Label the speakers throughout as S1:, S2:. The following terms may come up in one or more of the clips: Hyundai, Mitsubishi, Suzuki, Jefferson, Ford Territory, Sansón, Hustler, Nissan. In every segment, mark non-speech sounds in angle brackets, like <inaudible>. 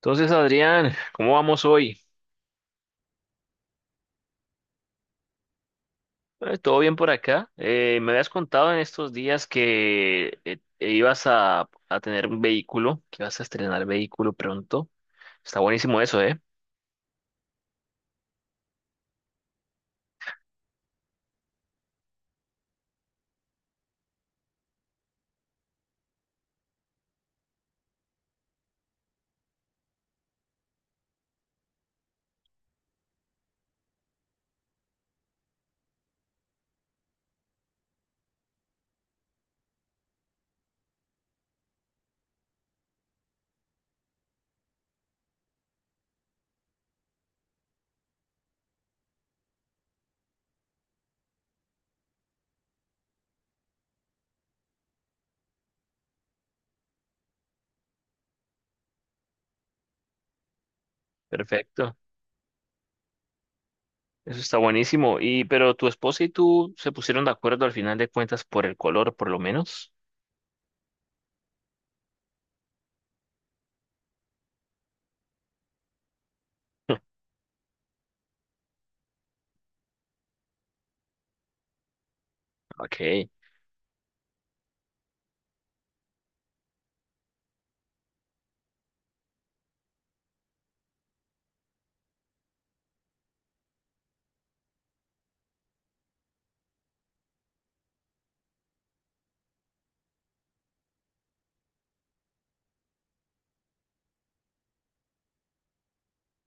S1: Entonces, Adrián, ¿cómo vamos hoy? ¿Todo bien por acá? Me habías contado en estos días que ibas a tener un vehículo, que ibas a estrenar vehículo pronto. Está buenísimo eso, ¿eh? Perfecto. Eso está buenísimo. Y, pero tu esposa y tú se pusieron de acuerdo al final de cuentas por el color, por lo menos. <laughs> Ok.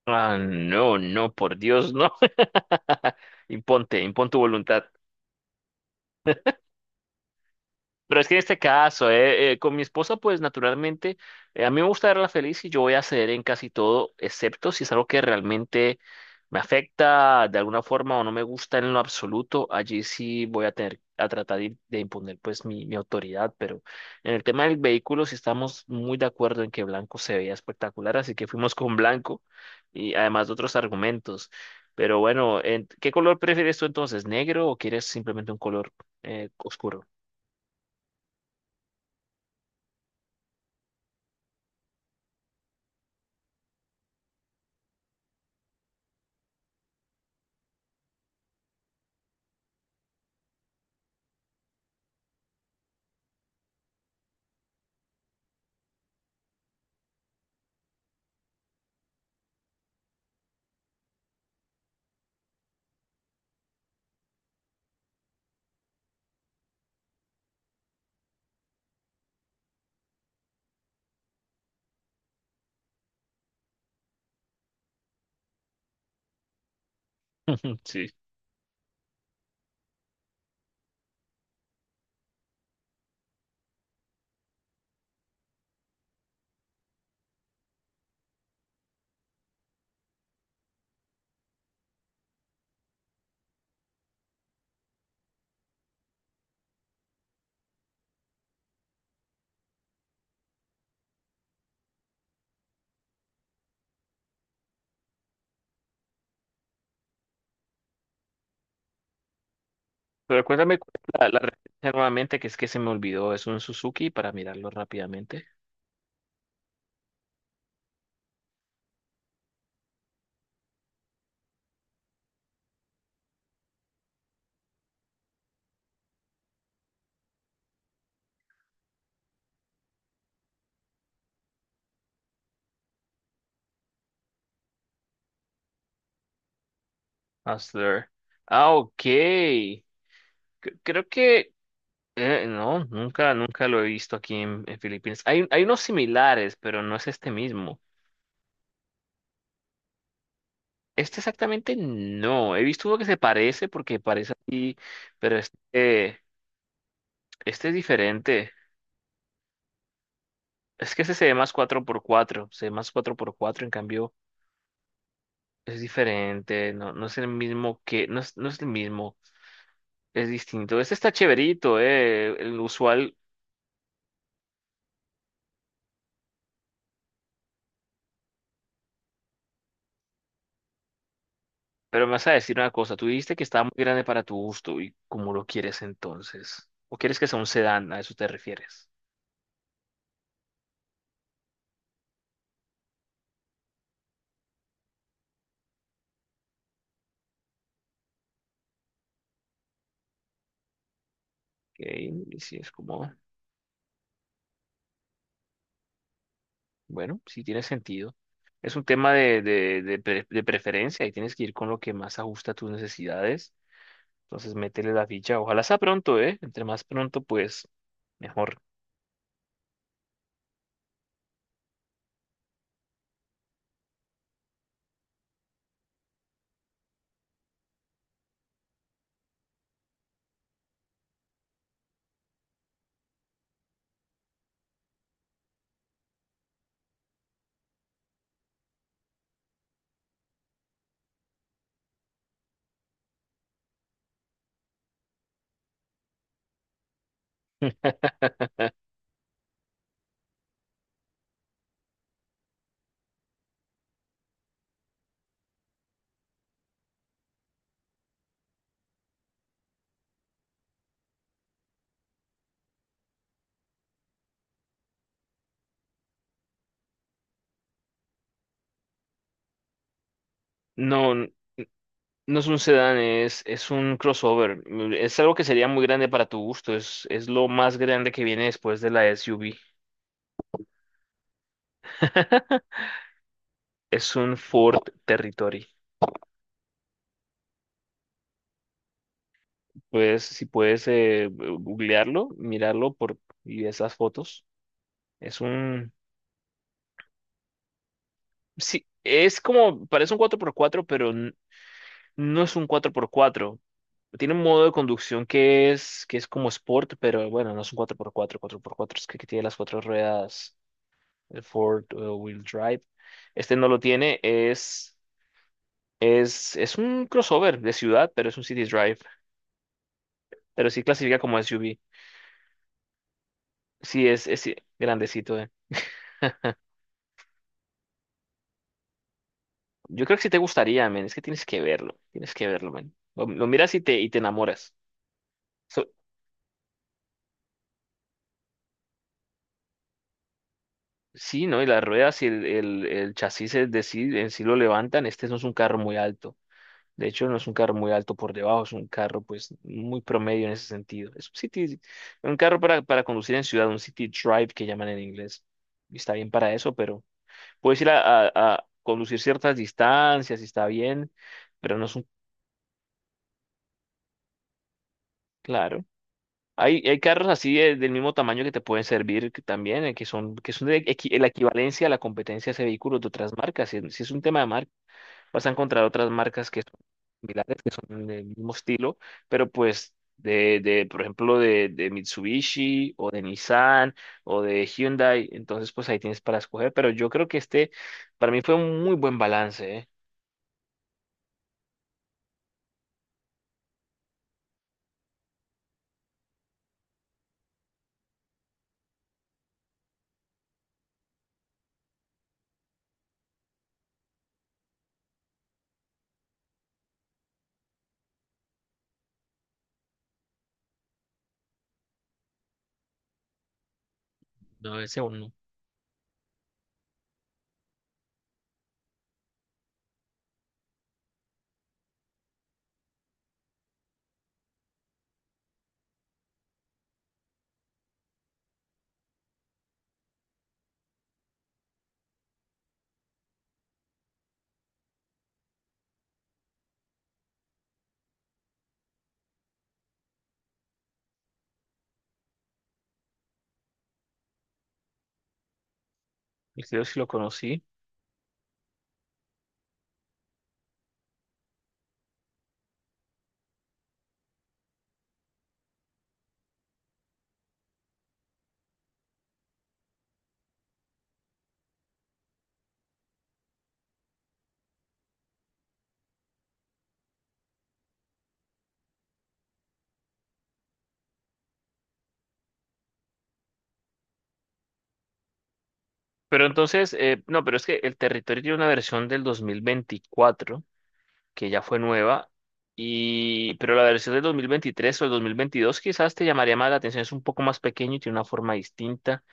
S1: Ah, no, no, por Dios, no. <laughs> Impon tu voluntad. Pero es que en este caso, con mi esposa, pues naturalmente, a mí me gusta verla feliz y yo voy a ceder en casi todo, excepto si es algo que realmente me afecta de alguna forma o no me gusta en lo absoluto. Allí sí voy a tener a tratar de imponer pues mi autoridad, pero en el tema del vehículo sí estamos muy de acuerdo en que blanco se veía espectacular, así que fuimos con blanco y además de otros argumentos. Pero bueno, ¿qué color prefieres tú entonces? ¿Negro o quieres simplemente un color oscuro? <laughs> Sí. Pero cuéntame cuál es la, la marca nuevamente, que es que se me olvidó. Es un Suzuki para mirarlo rápidamente. Hustler. Ah, ok. Creo que no, nunca, nunca lo he visto aquí en Filipinas. Hay unos similares, pero no es este mismo. Este exactamente no. He visto uno que se parece porque parece así, pero este es diferente. Es que este se ve más cuatro por cuatro se ve más cuatro por cuatro en cambio es diferente, no, no es el mismo que, no es, no es el mismo. Es distinto. Este está chéverito, el usual, pero me vas a decir una cosa. Tú dijiste que estaba muy grande para tu gusto y cómo lo quieres entonces. ¿O quieres que sea un sedán? ¿A eso te refieres? Ok, y sí, es como, bueno, sí tiene sentido. Es un tema de, de preferencia y tienes que ir con lo que más ajusta a tus necesidades. Entonces métele la ficha. Ojalá sea pronto, ¿eh? Entre más pronto, pues mejor. No. No es un sedán, es un crossover. Mm, es algo que sería muy grande para tu gusto. Es lo más grande que viene después de la SUV. <laughs> Es un Ford Territory. Pues, si puedes googlearlo, mirarlo por, y esas fotos. Es un... Sí, es como... Parece un cuatro por cuatro, pero no es un cuatro por cuatro. Tiene un modo de conducción que es como sport, pero bueno, no es un cuatro por cuatro. Cuatro por cuatro es que tiene las cuatro ruedas el Ford Wheel Drive. Este no lo tiene, es un crossover de ciudad, pero es un City Drive, pero sí clasifica como SUV. Sí, es sí, grandecito, eh. Yo creo que sí te gustaría, men, es que tienes que verlo, men. Lo miras y te enamoras. So- sí, ¿no? Y las ruedas y el chasis es de sí, en sí lo levantan, este no es un carro muy alto. De hecho, no es un carro muy alto por debajo, es un carro pues muy promedio en ese sentido. Es un city, un carro para conducir en ciudad, un city drive que llaman en inglés. Y está bien para eso, pero puedes ir a, a conducir ciertas distancias y está bien, pero no es un, claro. Hay carros así del mismo tamaño que te pueden servir que también, que son de la equivalencia a la competencia de ese vehículo de otras marcas. Si, si es un tema de marca. Vas a encontrar otras marcas que son similares, que son del mismo estilo, pero pues de por ejemplo, de Mitsubishi o de Nissan o de Hyundai, entonces pues ahí tienes para escoger, pero yo creo que este para mí fue un muy buen balance, ¿eh? No, ese uno, el que yo sí lo conocí. Pero entonces, no, pero es que el territorio tiene una versión del 2024, que ya fue nueva, y, pero la versión del 2023 o el 2022 quizás te llamaría más la atención, es un poco más pequeño y tiene una forma distinta.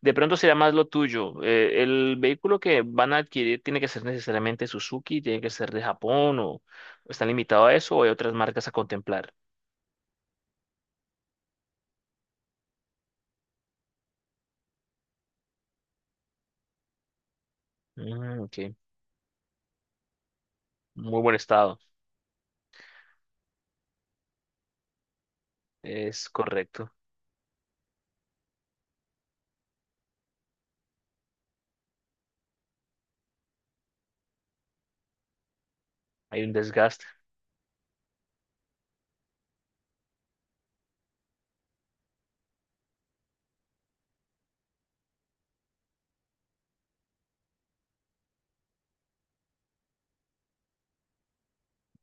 S1: De pronto será más lo tuyo. El vehículo que van a adquirir tiene que ser necesariamente Suzuki, tiene que ser de Japón o están limitados a eso o hay otras marcas a contemplar. Mm, ok. Muy buen estado. Es correcto. Hay un desgaste.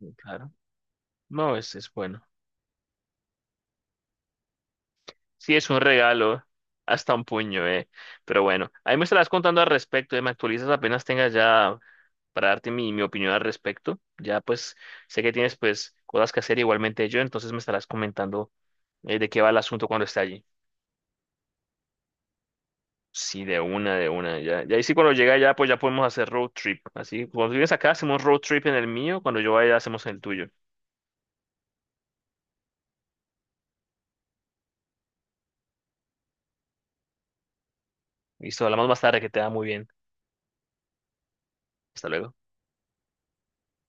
S1: Mm, claro. No, es bueno. Sí, es un regalo. Hasta un puño, eh. Pero bueno, ahí me estarás contando al respecto, me actualizas apenas tengas ya para darte mi, mi opinión al respecto. Ya pues sé que tienes pues cosas que hacer igualmente yo, entonces me estarás comentando de qué va el asunto cuando esté allí. Sí, de una, de una. Ya, ya ahí sí cuando llega allá pues ya podemos hacer road trip. Así, cuando tú vienes acá hacemos road trip en el mío, cuando yo vaya hacemos en el tuyo. Listo, hablamos más tarde, que te da muy bien. Hasta luego.